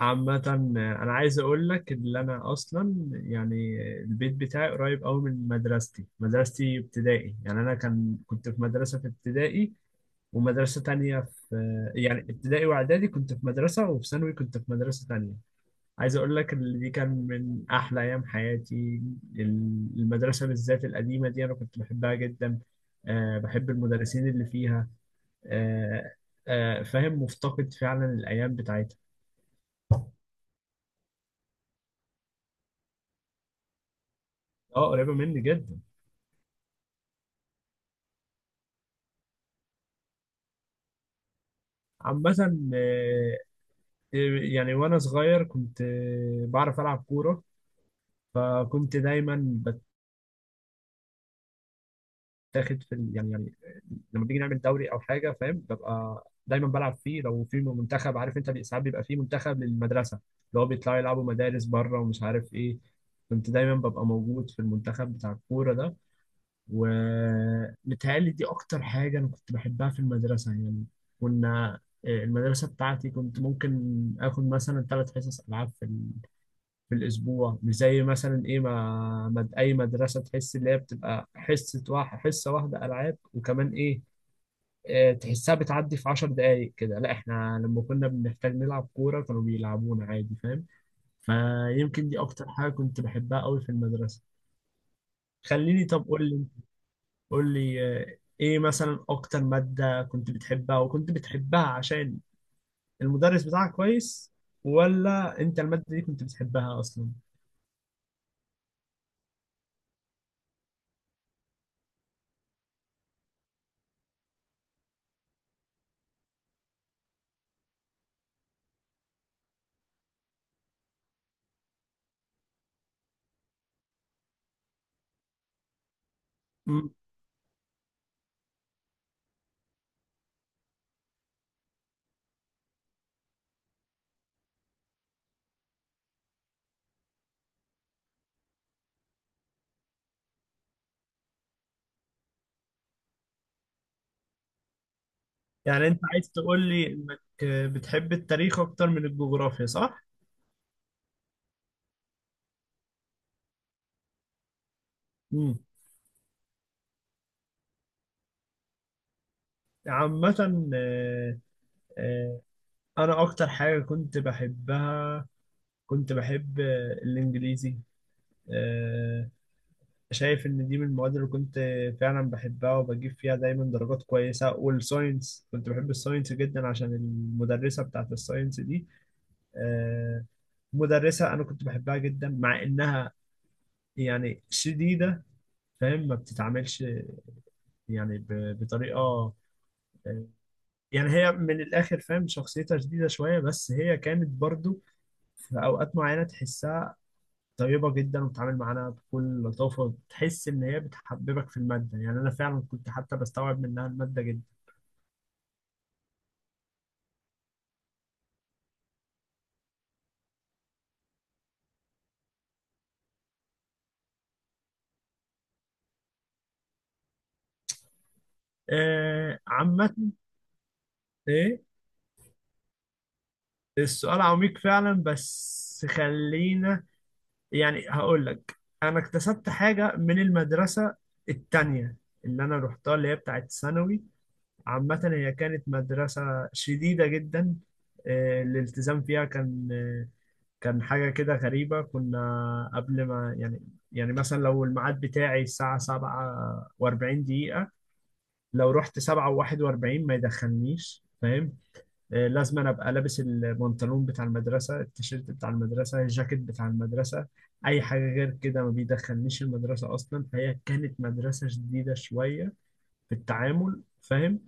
عامة أنا عايز أقول لك إن أنا أصلا يعني البيت بتاعي قريب أوي من مدرستي، مدرستي ابتدائي، يعني أنا كنت في مدرسة في ابتدائي ومدرسة تانية في يعني ابتدائي وإعدادي كنت في مدرسة، وفي ثانوي كنت في مدرسة تانية. عايز أقول لك إن دي كان من أحلى أيام حياتي. المدرسة بالذات القديمة دي أنا كنت بحبها جدا، أه بحب المدرسين اللي فيها، أه أه فاهم مفتقد فعلا الأيام بتاعتها. أه قريبة مني جدا. عامة، آه، يعني وأنا صغير كنت بعرف ألعب كورة، فكنت دايما بتاخد في ال- يعني يعني لما بنيجي نعمل دوري أو حاجة فاهم ببقى دايما بلعب فيه، لو في منتخب عارف أنت ساعات بيبقى فيه منتخب للمدرسة اللي هو بيطلعوا يلعبوا مدارس بره ومش عارف إيه. كنت دايما ببقى موجود في المنتخب بتاع الكورة ده، ومتهيألي دي أكتر حاجة أنا كنت بحبها في المدرسة يعني. كنا المدرسة بتاعتي كنت ممكن آخد مثلا ثلاث حصص ألعاب في الأسبوع، مش زي مثلا إيه ما مد أي مدرسة تحس اللي هي بتبقى حصة واحد حصة واحدة ألعاب، وكمان إيه تحسها بتعدي في عشر دقايق كده. لا إحنا لما كنا بنحتاج نلعب كورة كانوا بيلعبونا عادي فاهم. فيمكن دي أكتر حاجة كنت بحبها قوي في المدرسة. خليني طب قول لي إيه مثلا أكتر مادة كنت بتحبها، وكنت بتحبها عشان المدرس بتاعك كويس، ولا أنت المادة دي كنت بتحبها أصلا؟ يعني انت عايز تقول لي انك بتحب التاريخ اكتر من الجغرافيا صح؟ امم عامة، آه، انا اكتر حاجة كنت بحبها كنت بحب الانجليزي. آه، شايف ان دي من المواد اللي كنت فعلا بحبها وبجيب فيها دايما درجات كويسة، والساينس كنت بحب الساينس جدا عشان المدرسة بتاعت الساينس دي آه، مدرسة انا كنت بحبها جدا، مع انها يعني شديدة فاهم، ما بتتعاملش يعني بطريقه يعني هي من الاخر فاهم شخصيتها شديده شويه، بس هي كانت برضو في اوقات معينه تحسها طيبه جدا وبتتعامل معانا بكل لطافه، تحس ان هي بتحببك في الماده، يعني انا فعلا كنت حتى بستوعب منها الماده جدا. آه عامه. ايه؟ السؤال عميق فعلا، بس خلينا يعني هقول لك. انا اكتسبت حاجه من المدرسه التانية اللي انا روحتها اللي هي بتاعت ثانوي. عامة هي كانت مدرسة شديدة جدا، الالتزام فيها كان كان حاجة كده غريبة. كنا قبل ما يعني يعني مثلا لو الميعاد بتاعي الساعة سبعة وأربعين دقيقة، لو رحت سبعة وواحد وأربعين ما يدخلنيش فاهم. لازم أنا أبقى لابس البنطلون بتاع المدرسة، التيشيرت بتاع المدرسة، الجاكيت بتاع المدرسة، أي حاجة غير كده ما بيدخلنيش المدرسة أصلا. فهي كانت مدرسة شديدة شوية في التعامل فاهم.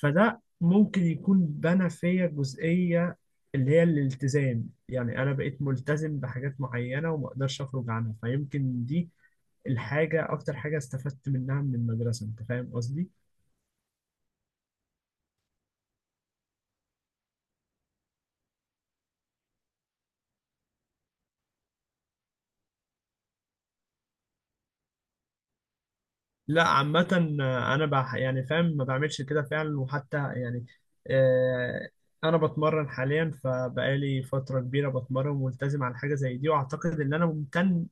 فده ممكن يكون بنى فيا جزئية اللي هي الالتزام، يعني أنا بقيت ملتزم بحاجات معينة وما أقدرش أخرج عنها. فيمكن دي الحاجة أكتر حاجة استفدت منها من المدرسة، أنت فاهم قصدي؟ لا عامة أنا بح يعني فاهم ما بعملش كده فعلا، وحتى يعني آه أنا بتمرن حاليا، فبقالي فترة كبيرة بتمرن وملتزم على حاجة زي دي، وأعتقد إن أنا ممتن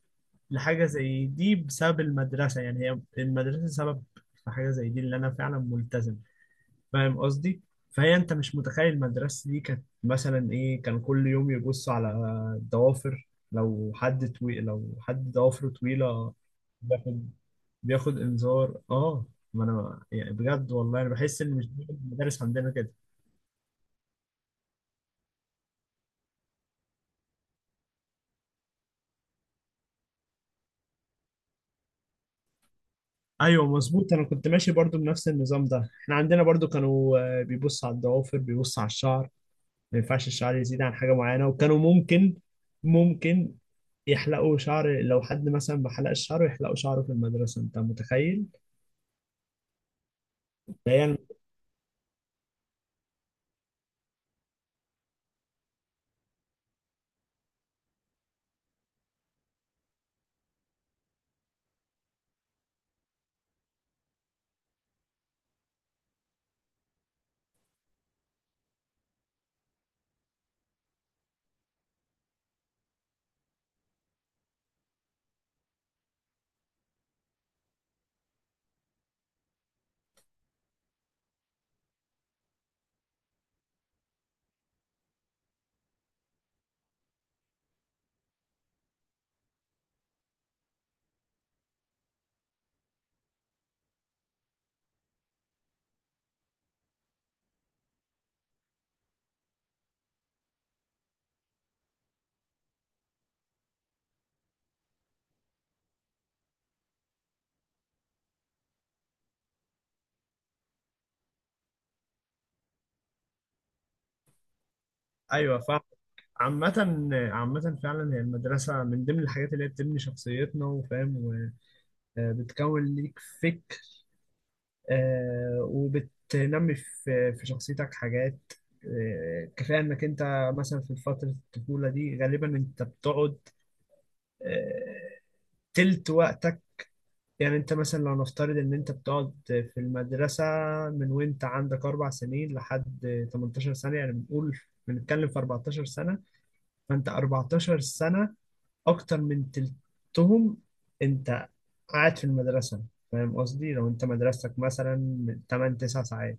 لحاجة زي دي بسبب المدرسة. يعني هي المدرسة سبب في حاجة زي دي اللي أنا فعلا ملتزم، فاهم قصدي؟ فهي أنت مش متخيل المدرسة دي كانت مثلا إيه. كان كل يوم يبصوا على الضوافر، لو حد طويل لو حد ضوافره طويلة بياخد بياخد إنذار آه. ما أنا يعني بجد والله أنا بحس إن مش دايما المدارس عندنا كده. ايوه مظبوط، انا كنت ماشي برضو بنفس النظام ده. احنا عندنا برضو كانوا بيبصوا على الضوافر، بيبصوا على الشعر، ما ينفعش الشعر يزيد عن حاجة معينة، وكانوا ممكن يحلقوا شعر لو حد مثلا ما حلقش شعره يحلقوا شعره في المدرسة، انت متخيل؟ هي ايوه فاهم. عامة عامة فعلا هي المدرسة من ضمن الحاجات اللي هي بتبني شخصيتنا وفاهم، وبتكون ليك فكر، وبتنمي في شخصيتك حاجات كفاية انك انت مثلا في فترة الطفولة دي غالبا انت بتقعد آه، تلت وقتك. يعني انت مثلا لو نفترض ان انت بتقعد في المدرسة من وانت عندك اربع سنين لحد 18 سنة، يعني بنقول بنتكلم في 14 سنة، فانت 14 سنة اكتر من تلتهم انت قاعد في المدرسة، فاهم قصدي؟ لو انت مدرستك مثلا من 8 9 ساعات.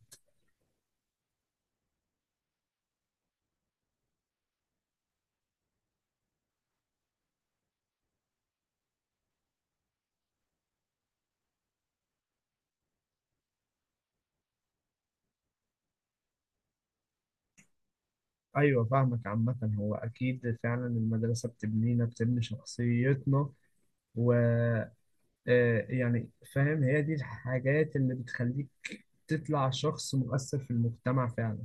ايوه فاهمك. عامة هو اكيد فعلا المدرسة بتبنينا بتبني شخصيتنا، و يعني فاهم هي دي الحاجات اللي بتخليك تطلع شخص مؤثر في المجتمع فعلا.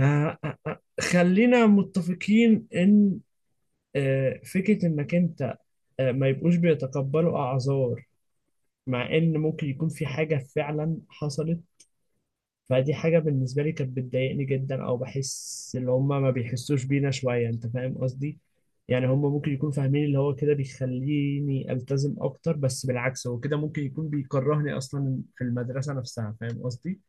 خلينا متفقين ان فكرة انك انت ما يبقوش بيتقبلوا اعذار، مع ان ممكن يكون في حاجة فعلا حصلت، فدي حاجة بالنسبة لي كانت بتضايقني جدا، او بحس ان هما ما بيحسوش بينا شوية، انت فاهم قصدي؟ يعني هما ممكن يكونوا فاهمين اللي هو كده بيخليني التزم اكتر، بس بالعكس هو كده ممكن يكون بيكرهني اصلا في المدرسة نفسها، فاهم قصدي؟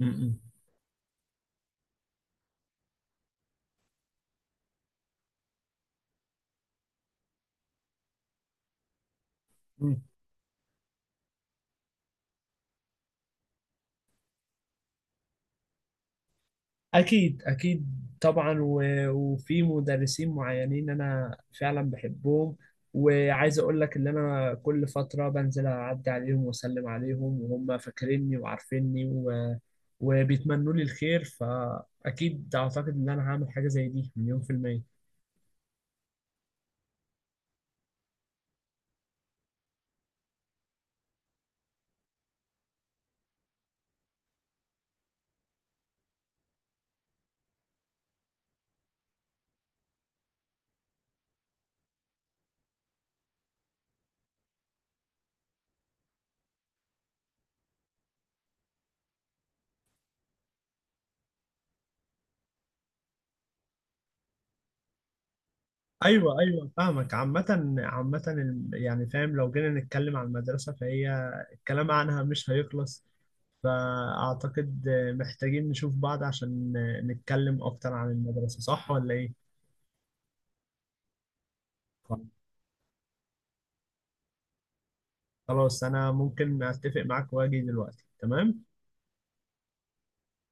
م- م. م. أكيد أكيد طبعا، و- وفي مدرسين معينين أنا فعلا بحبهم، وعايز أقول لك إن أنا كل فترة بنزل أعدي عليهم وأسلم عليهم وهم فاكريني وعارفيني، و... وبيتمنوا لي الخير، فأكيد أعتقد إن أنا هعمل حاجة زي دي مليون في المية. أيوه أيوه فاهمك. عامة عامة يعني فاهم لو جينا نتكلم عن المدرسة فهي الكلام عنها مش هيخلص، فأعتقد محتاجين نشوف بعض عشان نتكلم أكتر عن المدرسة، صح ولا إيه؟ خلاص أنا ممكن أتفق معاك وأجي دلوقتي تمام؟